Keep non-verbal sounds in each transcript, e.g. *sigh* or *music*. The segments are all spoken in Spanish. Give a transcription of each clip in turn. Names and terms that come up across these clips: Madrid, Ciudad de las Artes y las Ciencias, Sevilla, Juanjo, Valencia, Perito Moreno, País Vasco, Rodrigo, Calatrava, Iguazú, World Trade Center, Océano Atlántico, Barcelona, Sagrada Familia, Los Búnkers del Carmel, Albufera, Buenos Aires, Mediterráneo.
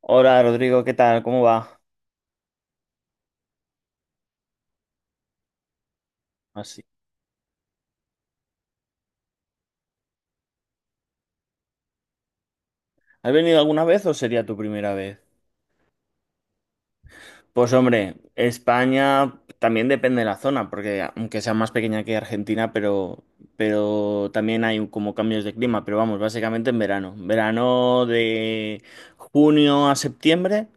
Hola Rodrigo, ¿qué tal? ¿Cómo va? Así. ¿Has venido alguna vez o sería tu primera vez? Pues hombre, España también depende de la zona, porque aunque sea más pequeña que Argentina, pero también hay como cambios de clima, pero vamos, básicamente en verano. Verano de junio a septiembre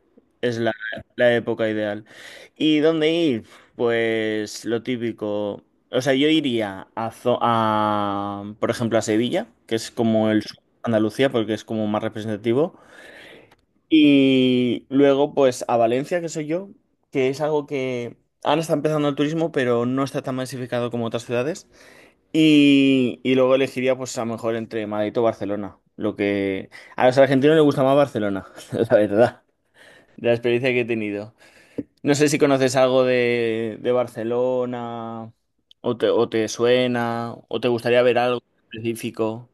es la época ideal. ¿Y dónde ir? Pues lo típico. O sea, yo iría por ejemplo, a Sevilla, que es como el sur de Andalucía, porque es como más representativo. Y luego, pues a Valencia, que soy yo, que es algo que ahora está empezando el turismo, pero no está tan masificado como otras ciudades. Y luego elegiría, pues a lo mejor entre Madrid o Barcelona. Lo que a los argentinos les gusta más Barcelona, *laughs* la verdad, de la experiencia que he tenido. No sé si conoces algo de Barcelona, o o te suena, o te gustaría ver algo específico.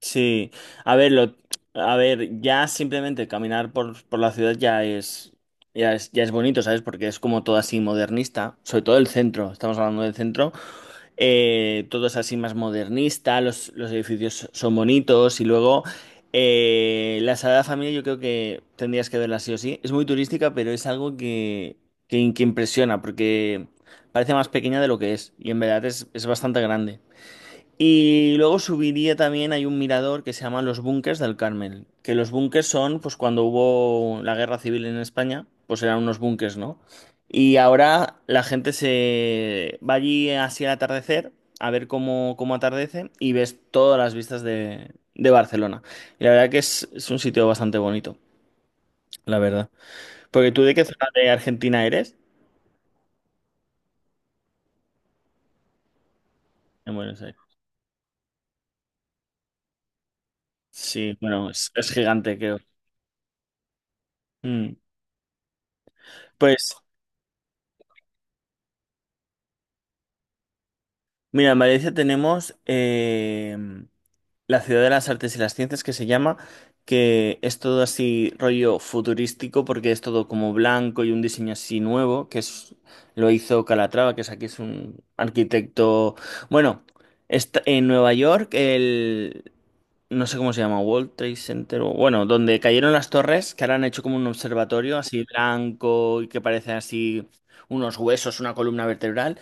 Sí, a ver, lo, a ver, ya simplemente caminar por la ciudad ya es, ya es, ya es bonito, ¿sabes? Porque es como todo así modernista, sobre todo el centro, estamos hablando del centro, todo es así más modernista, los edificios son bonitos y luego la Sagrada Familia yo creo que tendrías que verla sí o sí. Es muy turística, pero es algo que impresiona porque parece más pequeña de lo que es y en verdad es bastante grande. Y luego subiría también, hay un mirador que se llama Los Búnkers del Carmel, que los búnkers son, pues cuando hubo la guerra civil en España, pues eran unos búnkers, ¿no? Y ahora la gente se va allí así al atardecer, a ver cómo, cómo atardece, y ves todas las vistas de Barcelona. Y la verdad que es un sitio bastante bonito, la verdad. ¿Porque tú de qué zona de Argentina eres? En Buenos Aires. Sí, bueno, es gigante, creo. Mm. Pues... Mira, en Valencia tenemos la Ciudad de las Artes y las Ciencias que se llama, que es todo así rollo futurístico porque es todo como blanco y un diseño así nuevo, que es, lo hizo Calatrava, que es aquí es un arquitecto, bueno, está en Nueva York, el, no sé cómo se llama, World Trade Center, o- bueno, donde cayeron las torres, que ahora han hecho como un observatorio así blanco y que parece así unos huesos, una columna vertebral.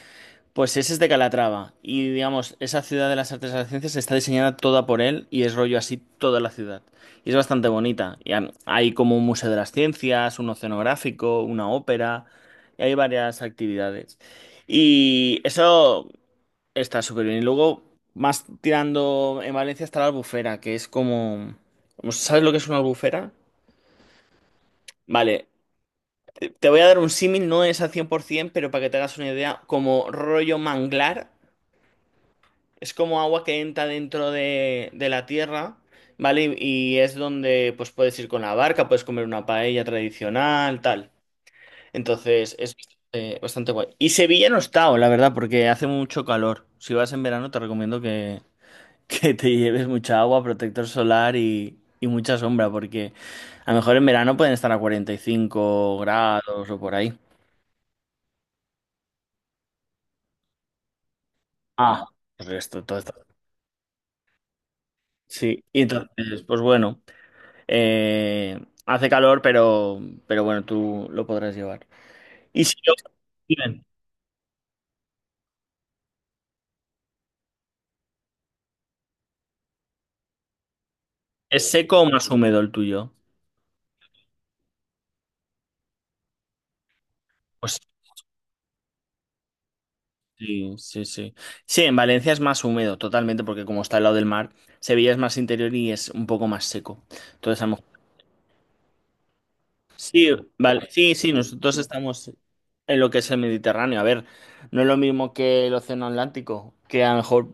Pues ese es de Calatrava y digamos, esa ciudad de las artes y las ciencias está diseñada toda por él y es rollo así toda la ciudad. Y es bastante bonita. Y han- hay como un museo de las ciencias, un oceanográfico, una ópera, y hay varias actividades. Y eso está súper bien. Y luego, más tirando en Valencia está la Albufera, que es como... como- ¿Sabes lo que es una albufera? Vale, te voy a dar un símil, no es al 100%, pero para que te hagas una idea, como rollo manglar. Es como agua que entra dentro de la tierra, ¿vale? Y es donde pues puedes ir con la barca, puedes comer una paella tradicional, tal. Entonces es bastante guay. Y Sevilla no está, la verdad, porque hace mucho calor. Si vas en verano te recomiendo que, *laughs* que te lleves mucha agua, protector solar y mucha sombra, porque a lo mejor en verano pueden estar a 45 grados o por ahí. Ah. Pues esto, todo esto. Sí, y entonces, pues bueno. Eh, hace calor, pero bueno, tú lo podrás llevar. Y si lo- bien, ¿es seco o más húmedo el tuyo? Pues sí, sí, sí. Sí, en Valencia es más húmedo, totalmente, porque como está al lado del mar, Sevilla es más interior y es un poco más seco. Entonces, a lo mejor... Sí, vale. Sí, sí, nosotros estamos en lo que es el Mediterráneo. A ver, no es lo mismo que el Océano Atlántico, que a lo mejor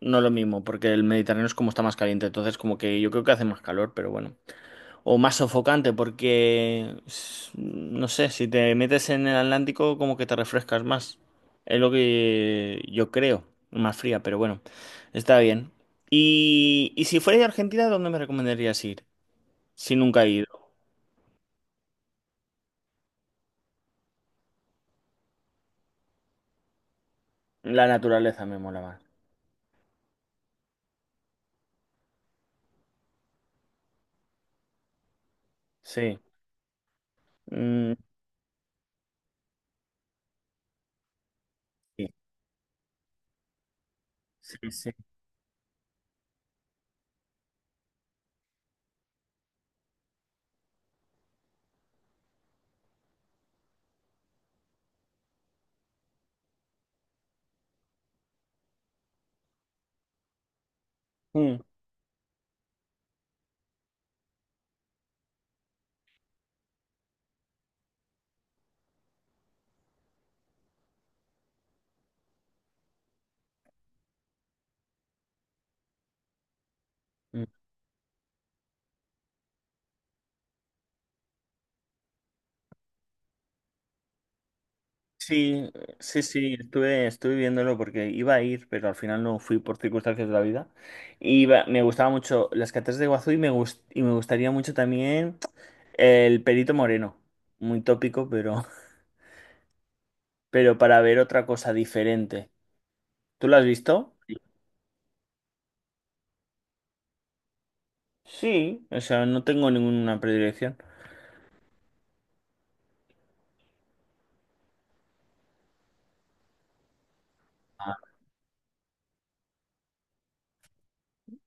no es lo mismo, porque el Mediterráneo es como está más caliente. Entonces, como que yo creo que hace más calor, pero bueno. O más sofocante, porque s- no sé, si te metes en el Atlántico, como que te refrescas más. Es lo que yo creo, más fría, pero bueno, está bien. Y si fuera de Argentina, ¿dónde me recomendarías ir? Si nunca he ido. La naturaleza me mola más. Sí. Mm, sí, sí, sí. Mm. Sí, sí, sí, estuve viéndolo porque iba a ir, pero al final no fui por circunstancias de la vida. Iba, me gustaba mucho las cataratas de Iguazú y y me gustaría mucho también el Perito Moreno. Muy tópico, pero, *laughs* pero para ver otra cosa diferente. ¿Tú lo has visto? Sí, o sea, no tengo ninguna predilección. Ah,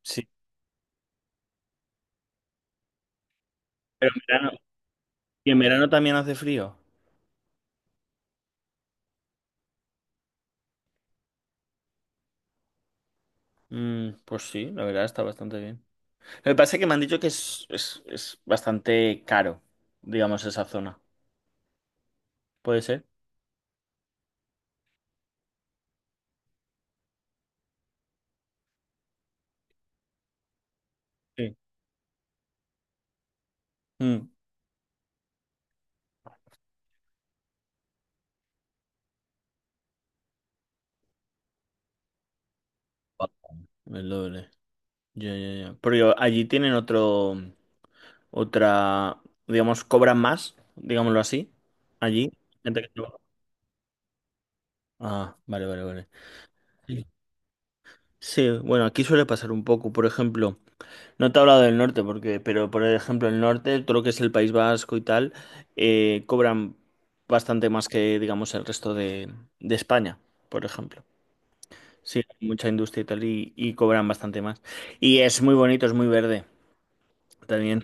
sí. Pero en verano, ¿y en verano también hace frío? Mm, pues sí, la verdad está bastante bien. Me parece que me han dicho que es bastante caro, digamos, esa zona. ¿Puede ser? Sí. Mm. Ah, el doble. Ya, ya, ya. Pero allí tienen otro, otra, digamos, cobran más, digámoslo así. Allí, gente que trabaja. Ah, vale, vale, vale. Sí, sí, bueno, aquí suele pasar un poco. Por ejemplo. No te he hablado del norte, porque, pero por ejemplo, el norte, todo lo que es el País Vasco y tal, cobran bastante más que, digamos, el resto de España, por ejemplo. Sí, hay mucha industria y tal, y cobran bastante más. Y es muy bonito, es muy verde también.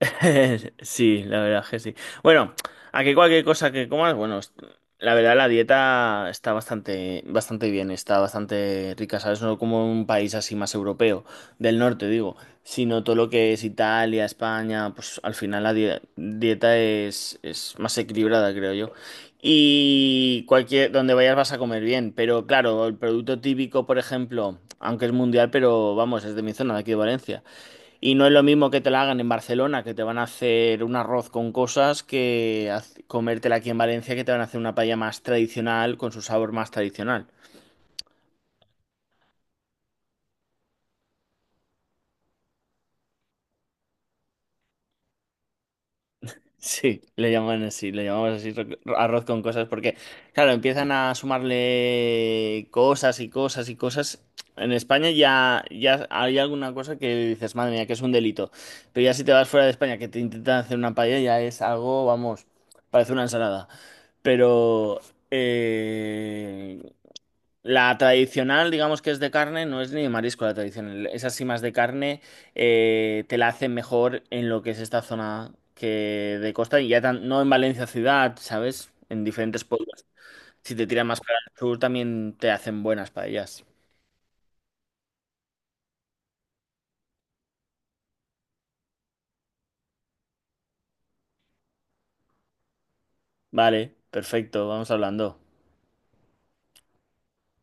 *laughs* Sí, la verdad es que sí. Bueno, a que cualquier cosa que comas, bueno, es- la verdad la dieta está bastante, bastante bien, está bastante rica, ¿sabes? No como un país así más europeo, del norte digo, sino todo lo que es Italia, España, pues al final la die- dieta es más equilibrada, creo yo. Y cualquier, donde vayas vas a comer bien, pero claro, el producto típico, por ejemplo, aunque es mundial, pero vamos, es de mi zona, de aquí de Valencia. Y no es lo mismo que te la hagan en Barcelona, que te van a hacer un arroz con cosas, que haz- comértela aquí en Valencia, que te van a hacer una paella más tradicional, con su sabor más tradicional. *laughs* Sí, le llaman así, le llamamos así ro- arroz con cosas, porque, claro, empiezan a sumarle cosas y cosas y cosas. En España ya, ya hay alguna cosa que dices, madre mía, que es un delito. Pero ya si te vas fuera de España, que te intentan hacer una paella, ya es algo, vamos, parece una ensalada. Pero... Eh, la tradicional, digamos que es de carne, no es ni de marisco la tradicional. Es así más de carne, te la hacen mejor en lo que es esta zona que de costa y ya tan- no en Valencia ciudad, ¿sabes? En diferentes pueblos. Si te tiran más para el sur, también te hacen buenas paellas. Vale, perfecto, vamos hablando.